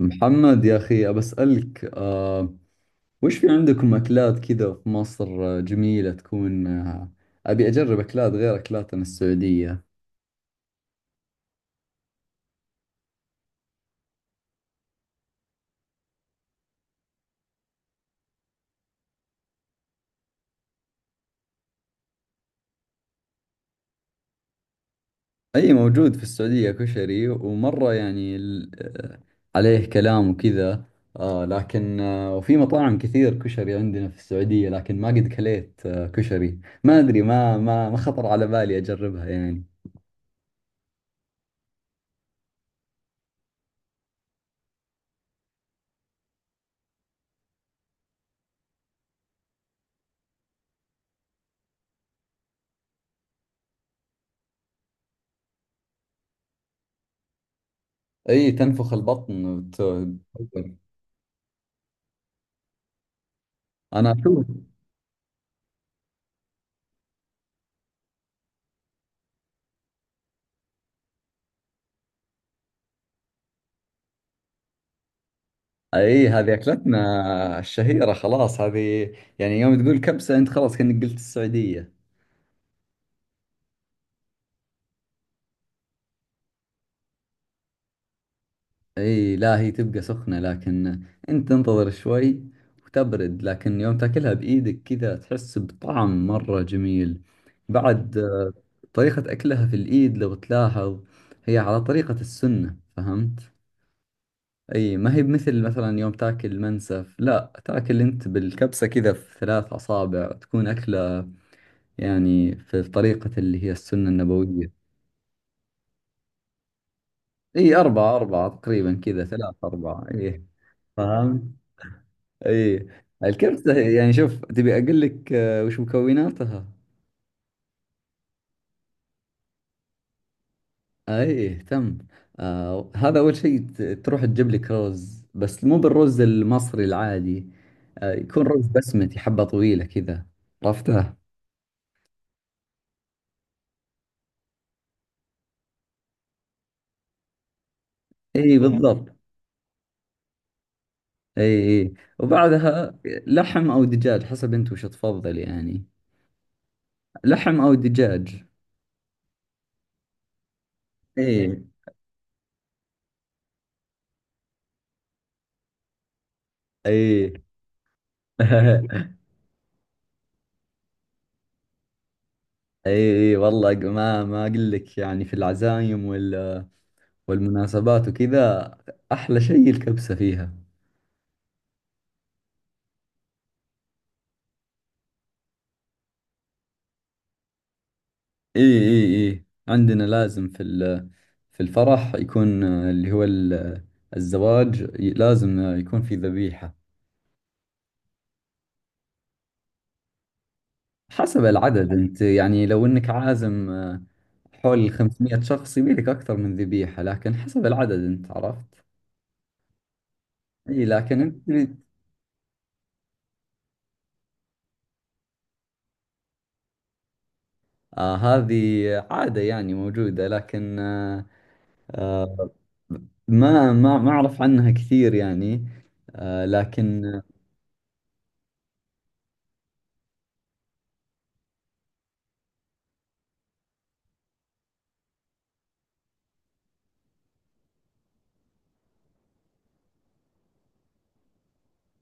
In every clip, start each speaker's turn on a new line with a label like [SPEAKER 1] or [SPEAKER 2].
[SPEAKER 1] محمد يا أخي أبسألك وش في عندكم أكلات كذا في مصر؟ آه، جميلة تكون أبي أجرب أكلات غير أكلاتنا السعودية. أي، موجود في السعودية كشري، ومرة يعني آه، عليه كلام وكذا. آه لكن وفي مطاعم كثير كشري عندنا في السعودية، لكن ما قد كليت كشري، ما أدري، ما خطر على بالي أجربها يعني. أي تنفخ البطن أنا أشوف. اي، هذه اكلتنا الشهيرة، خلاص هذه. يعني يوم تقول كبسة انت خلاص كأنك قلت السعودية. اي، لا هي تبقى سخنة، لكن انت تنتظر شوي وتبرد، لكن يوم تاكلها بايدك كذا تحس بطعم مرة جميل بعد طريقة اكلها في الايد لو تلاحظ، هي على طريقة السنة، فهمت؟ اي، ما هي بمثل، مثلا يوم تاكل منسف، لا تاكل انت بالكبسة كذا، في ثلاث اصابع تكون اكلة، يعني في طريقة اللي هي السنة النبوية. اي أربعة أربعة تقريبا، كذا ثلاثة أربعة، اي. فاهم. اي الكبسة يعني شوف، تبي أقول لك وش مكوناتها؟ اي تم. آه، هذا أول شيء تروح تجيب لك رز، بس مو بالرز المصري العادي، آه يكون رز بسمتي، حبة طويلة كذا، عرفتها؟ اي بالضبط. اي اي، وبعدها لحم أو دجاج، حسب أنت وش تفضل يعني. لحم أو دجاج. ايه. اي. اي، اي والله، ما اقول لك، يعني في العزايم والمناسبات وكذا، احلى شيء الكبسة فيها. اي اي اي، عندنا لازم في الفرح يكون اللي هو الزواج، لازم يكون في ذبيحة. حسب العدد انت، يعني لو انك عازم حول 500 شخص يبي لك اكثر من ذبيحة، لكن حسب العدد انت، عرفت؟ اي لكن انت. آه، هذه عادة يعني موجودة، لكن آه، ما أعرف عنها كثير يعني، لكن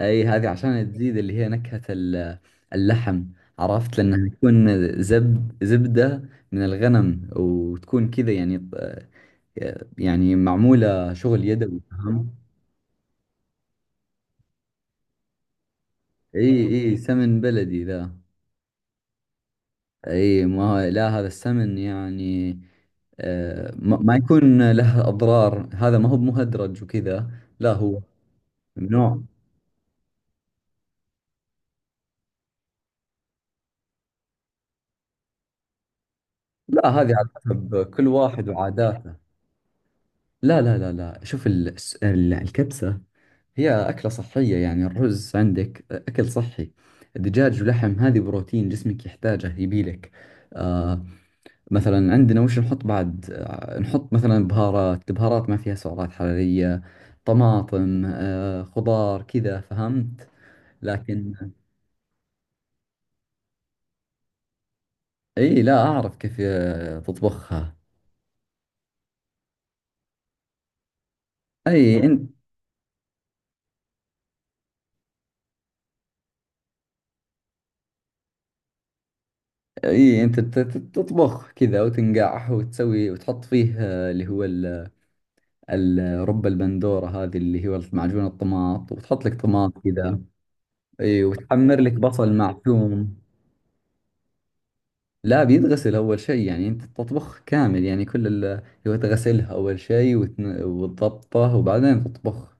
[SPEAKER 1] أي، هذه عشان تزيد اللي هي نكهة اللحم، عرفت؟ لأنها تكون زبدة من الغنم، وتكون كذا يعني يعني معمولة شغل يدوي، فهمت؟ إي إي، سمن بلدي ذا. اي ما هو، لا، هذا السمن يعني ما يكون له اضرار، هذا ما هو مهدرج وكذا. لا هو ممنوع. لا، هذه على حسب كل واحد وعاداته. لا، لا، لا، لا، شوف الكبسة هي أكلة صحية، يعني الرز عندك أكل صحي، الدجاج ولحم هذه بروتين جسمك يحتاجه يبيلك. آه، مثلا عندنا وش نحط، بعد نحط مثلا بهارات، بهارات ما فيها سعرات حرارية، طماطم خضار كذا، فهمت؟ لكن. اي لا اعرف كيف تطبخها. اي انت. اي انت تطبخ كذا وتنقعه وتسوي وتحط فيه اللي هو رب البندورة، هذه اللي هو معجون الطماط، وتحط لك طماط كذا. اي وتحمر لك بصل معثوم. لا بيتغسل أول شيء، يعني أنت تطبخ كامل، يعني كل ال هو تغسلها أول شيء وتضبطه وبعدين تطبخ،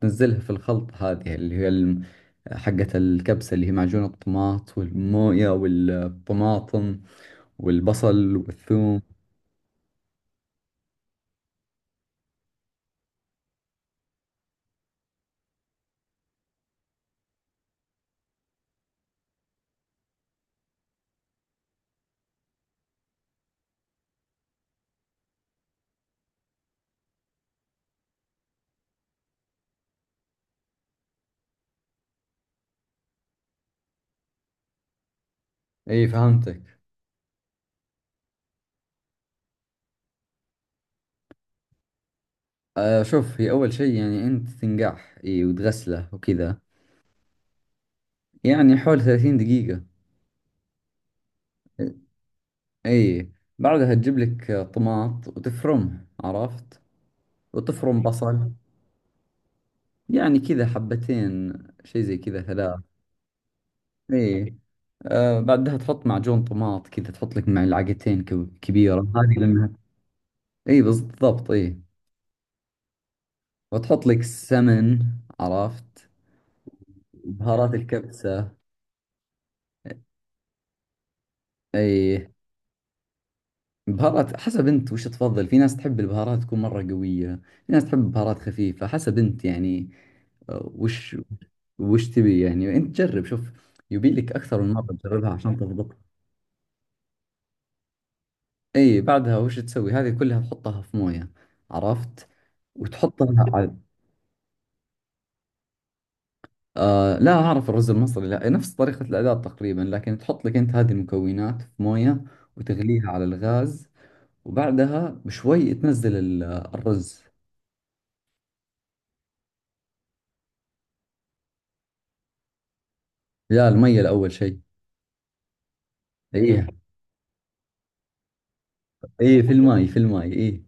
[SPEAKER 1] تنزلها في الخلط هذه اللي هي حقة الكبسة اللي هي معجون الطماط والموية والطماطم والبصل والثوم. اي فهمتك. آه شوف، هي أول شيء يعني أنت تنقعه، اي، وتغسله وكذا، يعني حول 30 دقيقة. اي بعدها تجيب لك طماط وتفرمه، عرفت؟ وتفرم بصل. يعني كذا حبتين، شيء زي كذا، ثلاث. اي. آه بعدها تحط معجون طماط كذا، تحط لك معلقتين كبيرة، هذه لأنها. اي بالضبط، اي. وتحط لك سمن، عرفت؟ بهارات الكبسة. اي بهارات، حسب انت وش تفضل، في ناس تحب البهارات تكون مرة قوية، في ناس تحب بهارات خفيفة، حسب انت يعني آه، وش وش تبي يعني، انت جرب شوف، يبي لك اكثر من مرة تجربها عشان تضبط. اي بعدها وش تسوي، هذه كلها تحطها في مويه، عرفت؟ وتحطها على. آه لا اعرف الرز المصري، لا نفس طريقة الاعداد تقريبا، لكن تحط لك انت هذه المكونات في مويه، وتغليها على الغاز، وبعدها بشوي تنزل الرز. لا، المية الاول شيء. اي اي، في الماي في الماي، اي.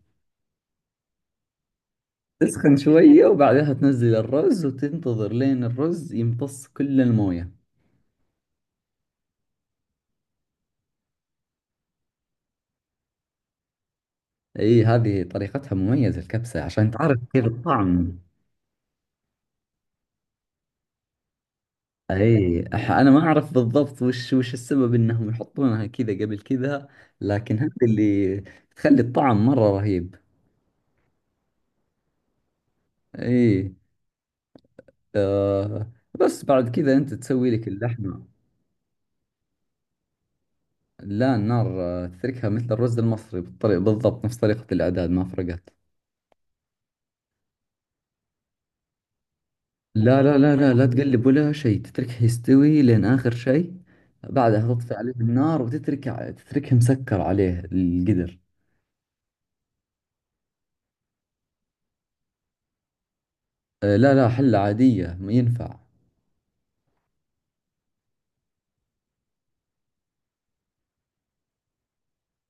[SPEAKER 1] تسخن شوية وبعدها تنزل الرز وتنتظر لين الرز يمتص كل المويه. اي هذه طريقتها مميزة الكبسة عشان تعرف كيف الطعم. اي انا ما اعرف بالضبط، وش السبب انهم يحطونها كذا قبل كذا، لكن هذه اللي تخلي الطعم مرة رهيب. اي. آه بس بعد كذا انت تسوي لك اللحمة. لا، النار تتركها مثل الرز المصري بالطريقة بالضبط، نفس طريقة الاعداد ما فرقت. لا، لا، لا، لا، لا تقلب ولا شيء، تتركه يستوي لين آخر شيء، بعدها تطفي عليه النار وتترك، تتركه مسكر عليه القدر. آه، لا لا، حلة عادية ينفع.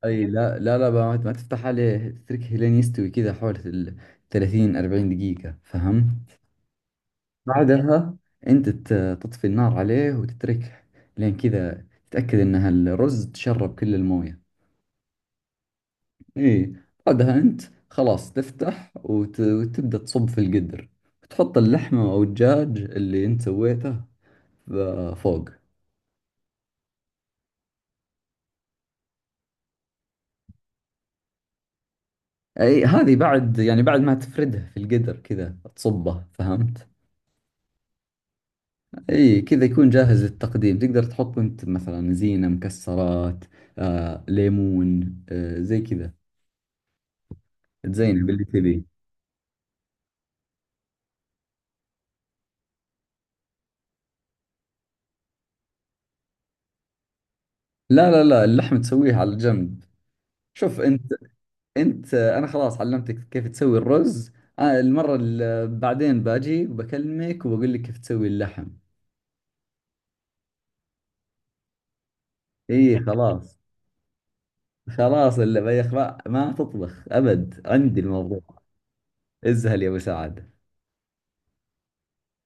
[SPEAKER 1] اي لا، لا، لا بقى، ما تفتح عليه، تتركه لين يستوي كذا، حوالي ال 30 40 دقيقة، فهم؟ بعدها انت تطفي النار عليه وتتركه لين كذا، تتأكد ان الرز تشرب كل الموية. اي بعدها انت خلاص تفتح وتبدأ تصب في القدر، وتحط اللحمة او الدجاج اللي انت سويته فوق. اي هذه بعد، يعني بعد ما تفردها في القدر كذا تصبه، فهمت؟ اي كذا يكون جاهز للتقديم، تقدر تحط انت مثلا زينة مكسرات ليمون زي كذا، تزينه باللي تبيه. لا لا لا، اللحم تسويه على جنب، شوف انت، انت انا خلاص علمتك كيف تسوي الرز، المرة اللي بعدين باجي بكلمك وبقول لك كيف تسوي اللحم. اي خلاص، خلاص، اللي بيخ ما تطبخ ابد عندي الموضوع. ازهل يا ابو سعد.